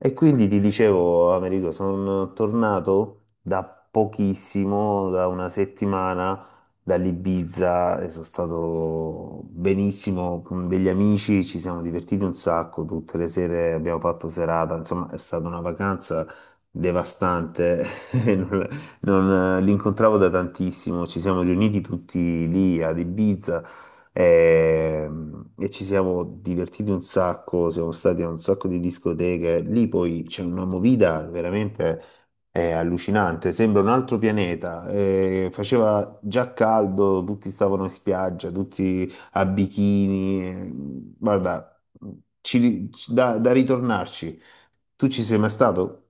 E quindi ti dicevo, Americo, sono tornato da pochissimo, da una settimana, dall'Ibiza e sono stato benissimo con degli amici, ci siamo divertiti un sacco, tutte le sere abbiamo fatto serata, insomma è stata una vacanza devastante, e l'incontravo da tantissimo, ci siamo riuniti tutti lì ad Ibiza. E, e ci siamo divertiti un sacco, siamo stati a un sacco di discoteche. Lì poi c'è una movida veramente allucinante, sembra un altro pianeta. Faceva già caldo, tutti stavano in spiaggia, tutti a bikini. Guarda, ci ri- ci- da, da ritornarci. Tu ci sei mai stato?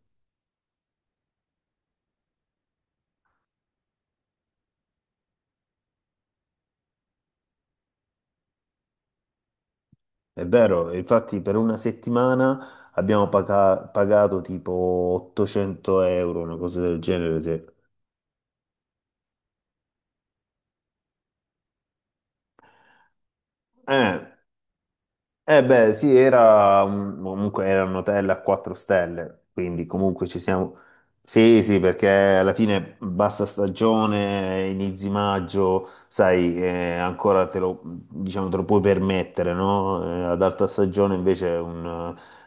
È vero, infatti per una settimana abbiamo pagato tipo 800 euro, una cosa del genere. Eh, eh beh, sì, era comunque era un hotel a 4 stelle, quindi comunque ci siamo. Sì, sì, perché alla fine basta stagione, inizi maggio, sai, ancora te lo, diciamo, te lo puoi permettere, no? Ad alta stagione invece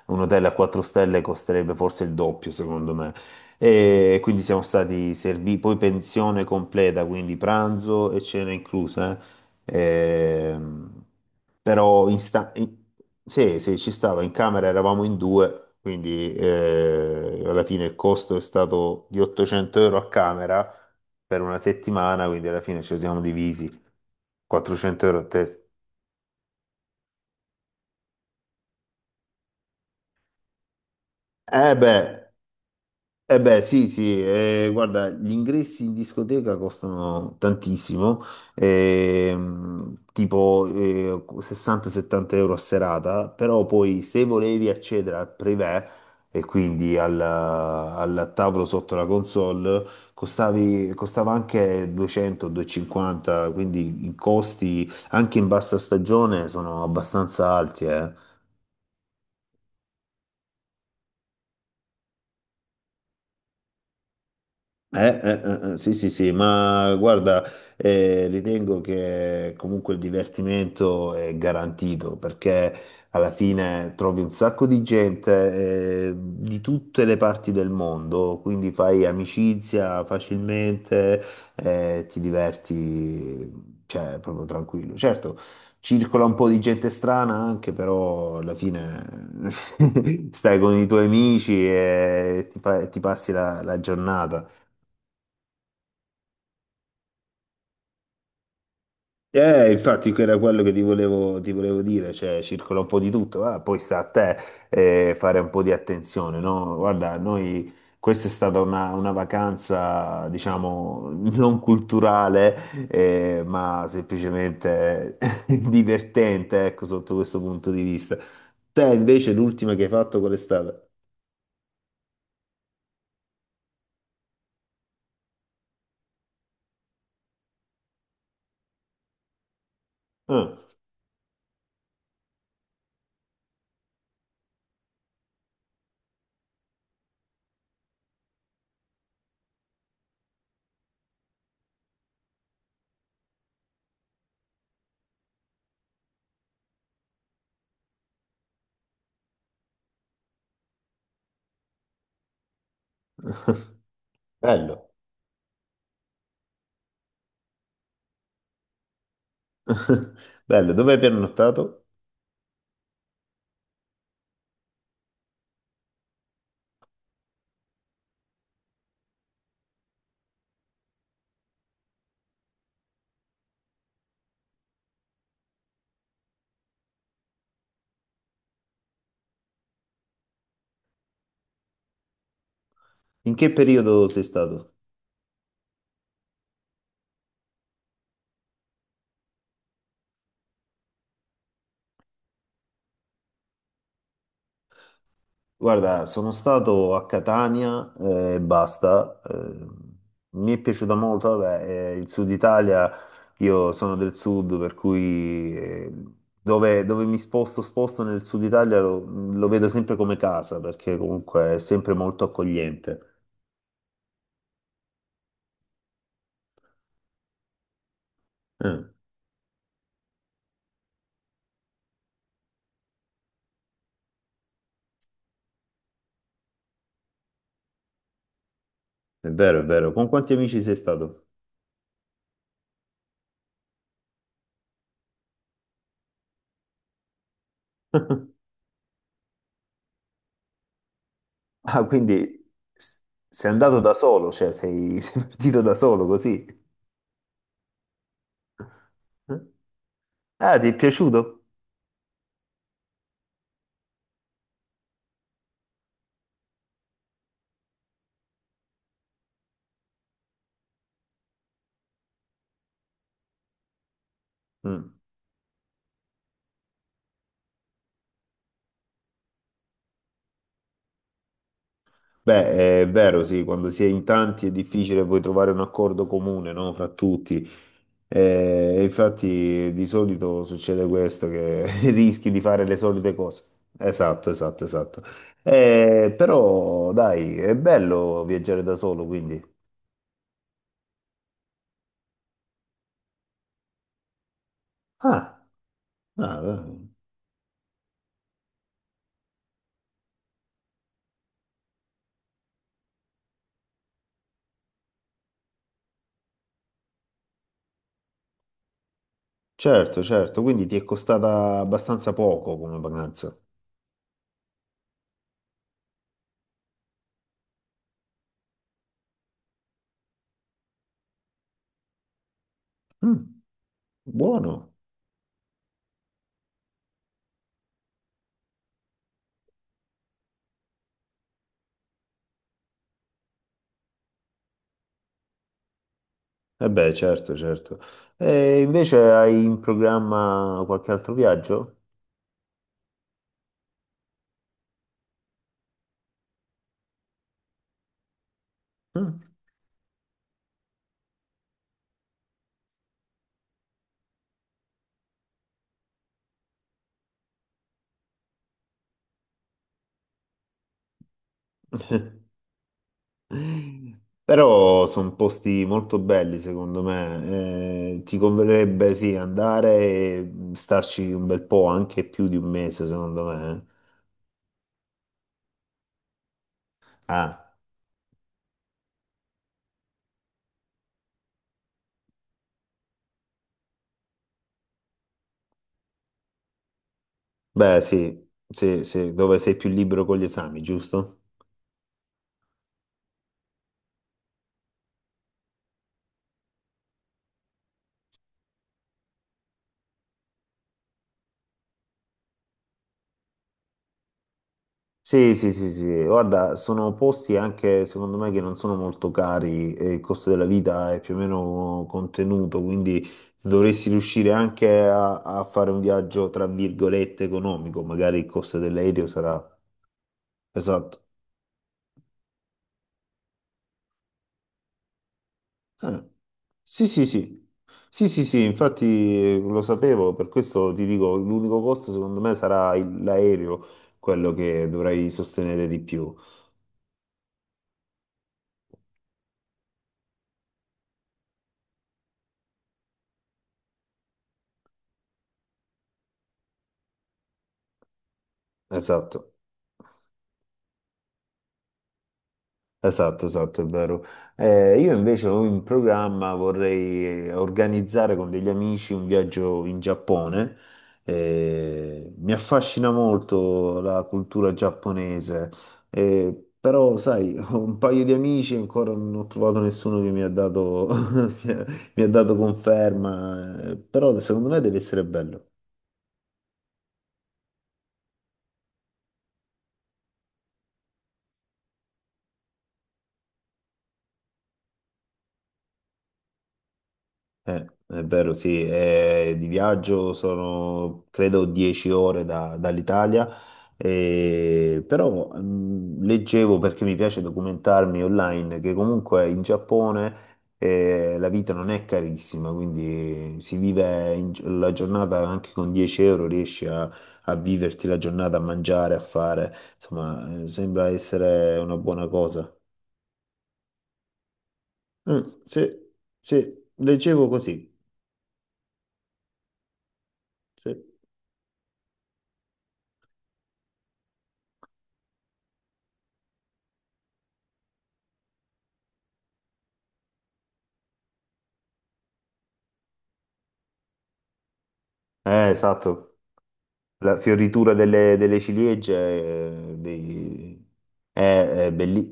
un hotel a 4 stelle costerebbe forse il doppio, secondo me. E quindi siamo stati serviti, poi pensione completa, quindi pranzo e cena inclusa. Eh. Però in sta- in- Sì, sì, ci stava, in camera eravamo in due, quindi alla fine il costo è stato di 800 euro a camera per una settimana, quindi alla fine ci siamo divisi 400 euro a testa. Eh beh, Eh beh, sì, sì, guarda, gli ingressi in discoteca costano tantissimo, 60-70 euro a serata, però poi se volevi accedere al privé e quindi al tavolo sotto la console, costava anche 200-250, quindi i costi anche in bassa stagione sono abbastanza alti. Eh, Eh, eh, sì, sì, sì, ma guarda, ritengo che comunque il divertimento è garantito perché alla fine trovi un sacco di gente, di tutte le parti del mondo, quindi fai amicizia facilmente, ti diverti, cioè, proprio tranquillo. Certo, circola un po' di gente strana anche, però alla fine stai con i tuoi amici e ti passi la giornata. Infatti era quello che ti volevo dire, cioè circola un po' di tutto, ah, poi sta a te fare un po' di attenzione, no? Guarda, noi, questa è stata una vacanza, diciamo, non culturale, ma semplicemente divertente, ecco, sotto questo punto di vista. Te invece l'ultima che hai fatto qual è stata? Ah, bello, bello, dove hai pernottato? In che periodo sei stato? Guarda, sono stato a Catania, e basta. Mi è piaciuta molto, vabbè, il sud Italia, io sono del sud, per cui dove mi sposto, sposto nel sud Italia lo vedo sempre come casa, perché comunque è sempre molto accogliente. Eh, è vero, è vero. Con quanti amici sei stato? Ah, quindi s- sei andato da solo, cioè sei, sei partito da solo così. Eh? Ah, ti è piaciuto? Mm. Beh, è vero, sì, quando si è in tanti è difficile poi trovare un accordo comune, no, fra tutti. E infatti di solito succede questo, che rischi di fare le solite cose. Esatto, esatto, esatto. Però, dai, è bello viaggiare da solo, quindi. Ah, ah, certo, certo, quindi ti è costata abbastanza poco come vacanza. Mm, buono. E beh, certo, certo. E invece hai in programma qualche altro viaggio? Ah. Però sono posti molto belli, secondo me. Ti converrebbe sì andare e starci un bel po', anche più di un mese, secondo me. Ah, beh, sì, sì, sì, dove sei più libero con gli esami, giusto? Sì, sì, sì, sì, guarda, sono posti anche secondo me che non sono molto cari e il costo della vita è più o meno contenuto, quindi dovresti riuscire anche a fare un viaggio tra virgolette economico, magari il costo dell'aereo sarà esatto. Eh, Sì, sì, sì. Sì, sì, sì, infatti lo sapevo, per questo ti dico, l'unico costo secondo me sarà l'aereo, quello che dovrai sostenere di più. Esatto. Esatto, esatto, è vero. Io invece ho in programma, vorrei organizzare con degli amici un viaggio in Giappone. Mi affascina molto la cultura giapponese. Però sai, ho un paio di amici e ancora non ho trovato nessuno che mi ha dato conferma. Però secondo me deve essere bello. È vero, sì, di viaggio sono credo 10 ore dall'Italia, però leggevo perché mi piace documentarmi online che comunque in Giappone la vita non è carissima, quindi si vive la giornata anche con 10 euro, riesci a viverti la giornata, a mangiare, a fare, insomma, sembra essere una buona cosa. Mm, sì, sì, leggevo così. Sì. Esatto. La fioritura delle ciliegie, è, è belli-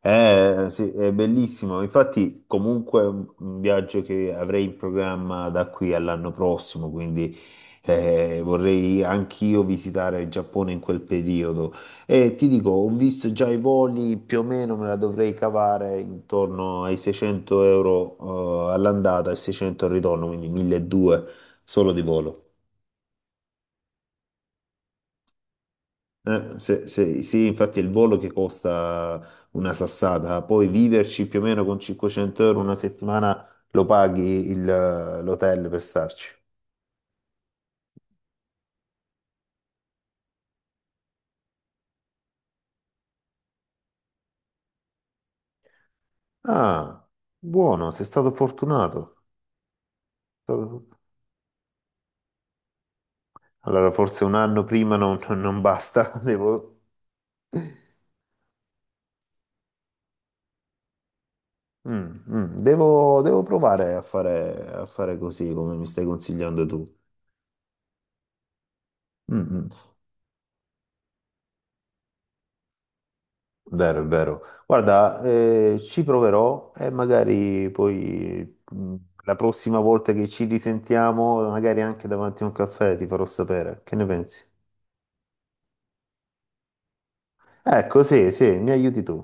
sì, è bellissimo. Infatti, comunque, è un viaggio che avrei in programma da qui all'anno prossimo, quindi vorrei anch'io visitare il Giappone in quel periodo. E ti dico, ho visto già i voli, più o meno me la dovrei cavare intorno ai 600 euro all'andata e 600 al ritorno, quindi 1200 solo di volo. Sì, infatti è il volo che costa una sassata, poi viverci più o meno con 500 euro una settimana lo paghi l'hotel per starci. Ah, buono, sei stato fortunato. Stato- Allora forse un anno prima non basta, devo... Mm, mm, devo provare a fare così come mi stai consigliando tu. Mm, mm. Vero, è vero. Guarda, ci proverò e magari poi la prossima volta che ci risentiamo, magari anche davanti a un caffè, ti farò sapere. Che ne pensi? Ecco, sì, sì, mi aiuti tu.